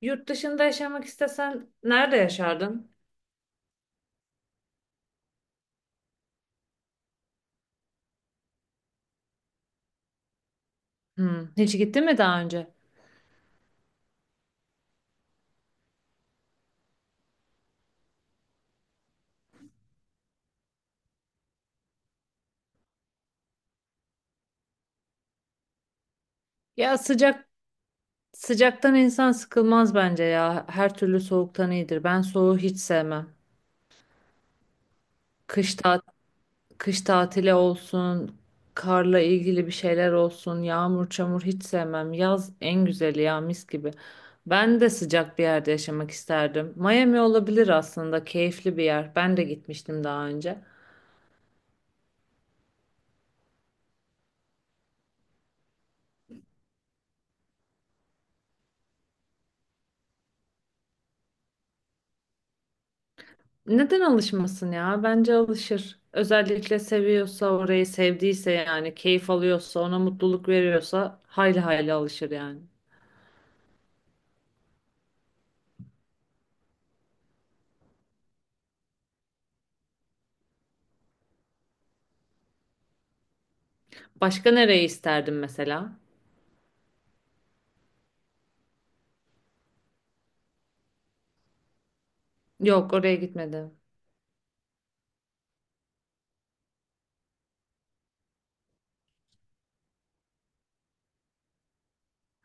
Yurt dışında yaşamak istesen nerede yaşardın? Hmm, hiç gittin mi daha önce? Ya sıcaktan insan sıkılmaz bence ya. Her türlü soğuktan iyidir. Ben soğuğu hiç sevmem. Kış ta kış tatili olsun, karla ilgili bir şeyler olsun, yağmur çamur hiç sevmem. Yaz en güzeli ya mis gibi. Ben de sıcak bir yerde yaşamak isterdim. Miami olabilir aslında, keyifli bir yer. Ben de gitmiştim daha önce. Neden alışmasın ya? Bence alışır. Özellikle seviyorsa orayı sevdiyse yani keyif alıyorsa ona mutluluk veriyorsa hayli hayli alışır yani. Başka nereye isterdim mesela? Yok oraya gitmedim.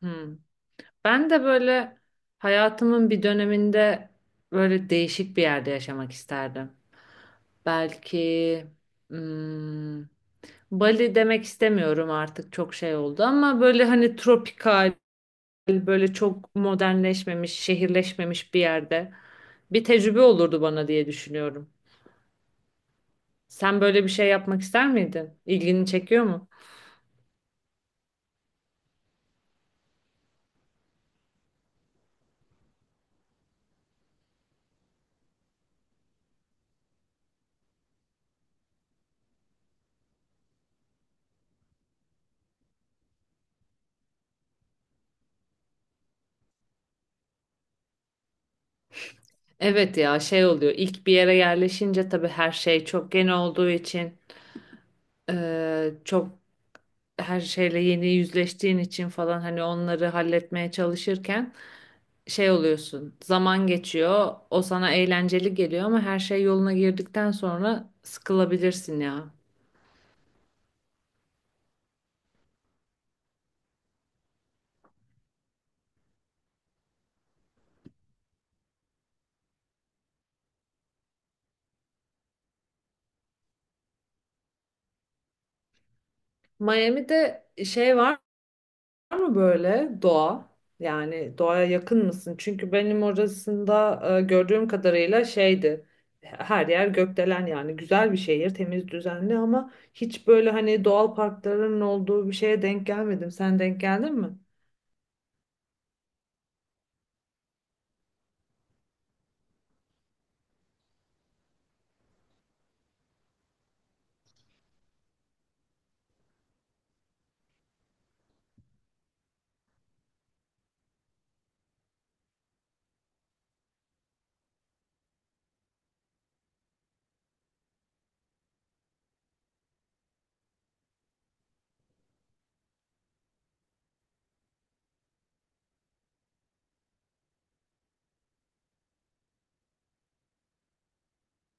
Hmm. Ben de böyle hayatımın bir döneminde böyle değişik bir yerde yaşamak isterdim. Belki hmm, Bali demek istemiyorum artık çok şey oldu ama böyle hani tropikal böyle çok modernleşmemiş, şehirleşmemiş bir yerde bir tecrübe olurdu bana diye düşünüyorum. Sen böyle bir şey yapmak ister miydin? İlgini çekiyor mu? Evet ya şey oluyor. İlk bir yere yerleşince tabii her şey çok yeni olduğu için çok her şeyle yeni yüzleştiğin için falan hani onları halletmeye çalışırken şey oluyorsun. Zaman geçiyor. O sana eğlenceli geliyor ama her şey yoluna girdikten sonra sıkılabilirsin ya. Miami'de şey var. Var mı böyle doğa? Yani doğaya yakın mısın? Çünkü benim orasında gördüğüm kadarıyla şeydi. Her yer gökdelen yani güzel bir şehir, temiz, düzenli ama hiç böyle hani doğal parkların olduğu bir şeye denk gelmedim. Sen denk geldin mi?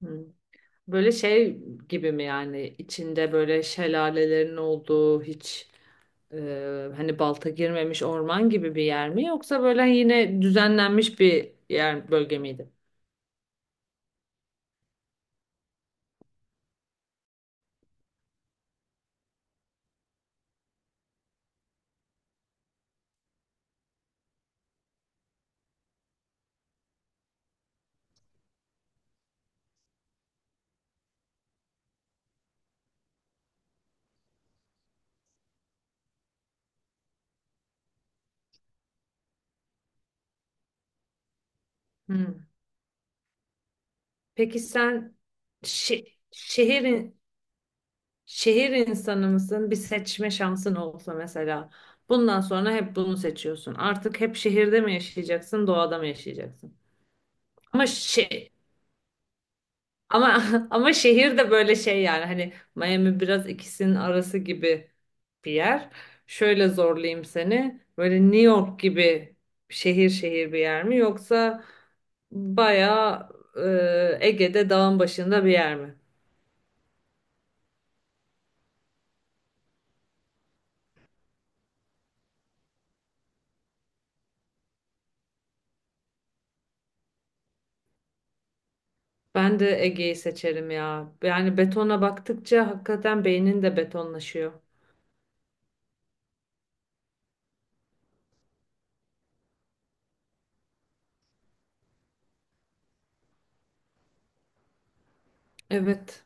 Hmm. Böyle şey gibi mi yani içinde böyle şelalelerin olduğu hiç e, hani balta girmemiş orman gibi bir yer mi yoksa böyle yine düzenlenmiş bir bölge miydi? Hmm. Peki sen şe- şehir şehir insanı mısın? Bir seçme şansın olsa mesela. Bundan sonra hep bunu seçiyorsun. Artık hep şehirde mi yaşayacaksın, doğada mı yaşayacaksın? Ama Ama şehir de böyle şey yani hani Miami biraz ikisinin arası gibi bir yer. Şöyle zorlayayım seni. Böyle New York gibi şehir şehir bir yer mi yoksa bayağı Ege'de dağın başında bir yer mi? Ben de Ege'yi seçerim ya. Yani betona baktıkça hakikaten beynin de betonlaşıyor. Evet.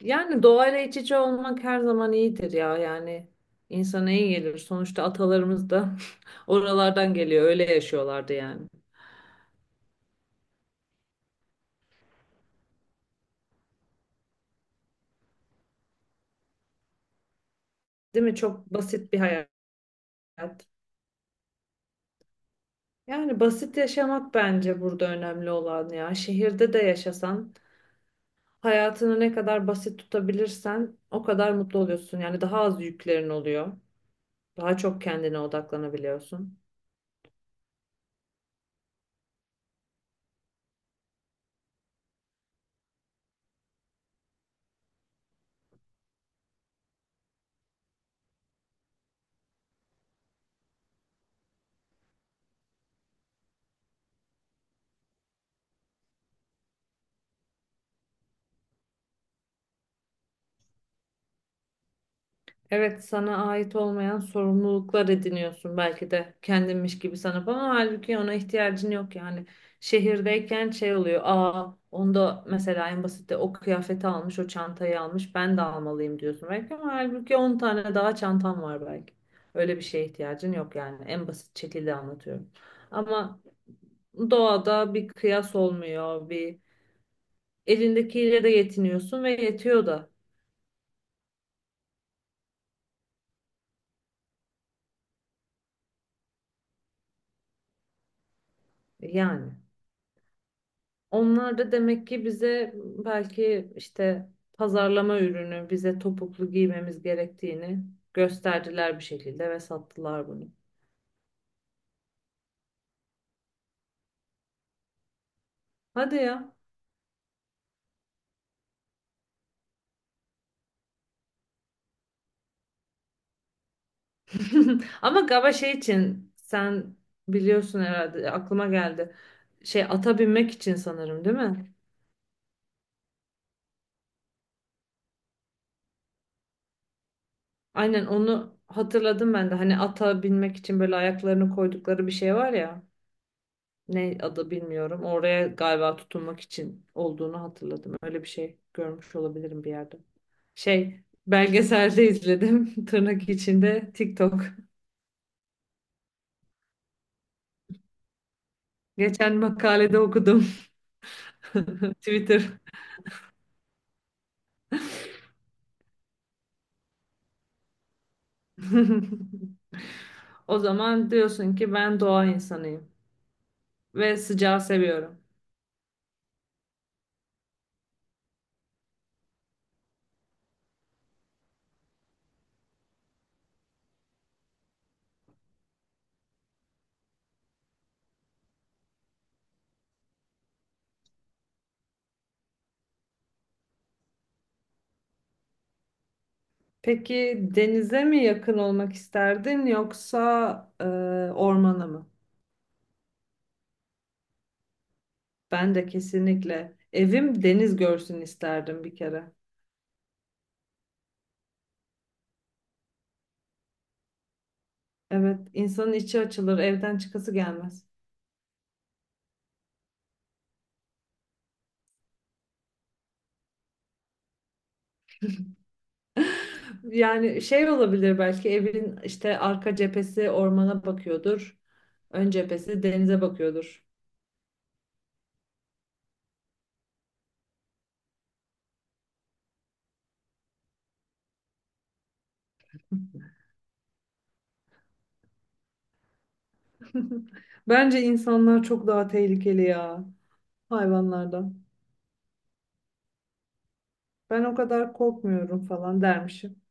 Yani doğayla iç içe olmak her zaman iyidir ya yani insana iyi gelir. Sonuçta atalarımız da oralardan geliyor öyle yaşıyorlardı yani. Değil mi? Çok basit bir hayat. Yani basit yaşamak bence burada önemli olan ya. Şehirde de yaşasan hayatını ne kadar basit tutabilirsen o kadar mutlu oluyorsun. Yani daha az yüklerin oluyor. Daha çok kendine odaklanabiliyorsun. Evet sana ait olmayan sorumluluklar ediniyorsun belki de kendinmiş gibi sanıp ama halbuki ona ihtiyacın yok yani. Şehirdeyken şey oluyor onda mesela en basitte o kıyafeti almış o çantayı almış ben de almalıyım diyorsun belki ama halbuki 10 tane daha çantan var belki. Öyle bir şeye ihtiyacın yok yani en basit şekilde anlatıyorum. Ama doğada bir kıyas olmuyor bir elindekiyle de yetiniyorsun ve yetiyor da yani. Onlar da demek ki bize belki işte pazarlama ürünü, bize topuklu giymemiz gerektiğini gösterdiler bir şekilde ve sattılar bunu. Hadi ya. Ama galiba şey için sen biliyorsun herhalde aklıma geldi. Şey ata binmek için sanırım değil mi? Aynen onu hatırladım ben de. Hani ata binmek için böyle ayaklarını koydukları bir şey var ya. Ne adı bilmiyorum. Oraya galiba tutunmak için olduğunu hatırladım. Öyle bir şey görmüş olabilirim bir yerde. Şey, belgeselde izledim. Tırnak içinde TikTok. Geçen makalede okudum. Twitter. O zaman diyorsun ki ben doğa insanıyım ve sıcağı seviyorum. Peki denize mi yakın olmak isterdin yoksa ormana mı? Ben de kesinlikle evim deniz görsün isterdim bir kere. Evet, insanın içi açılır, evden çıkası gelmez. Yani şey olabilir belki evin işte arka cephesi ormana bakıyordur. Ön cephesi denize bakıyordur. Bence insanlar çok daha tehlikeli ya hayvanlardan. Ben o kadar korkmuyorum falan dermişim.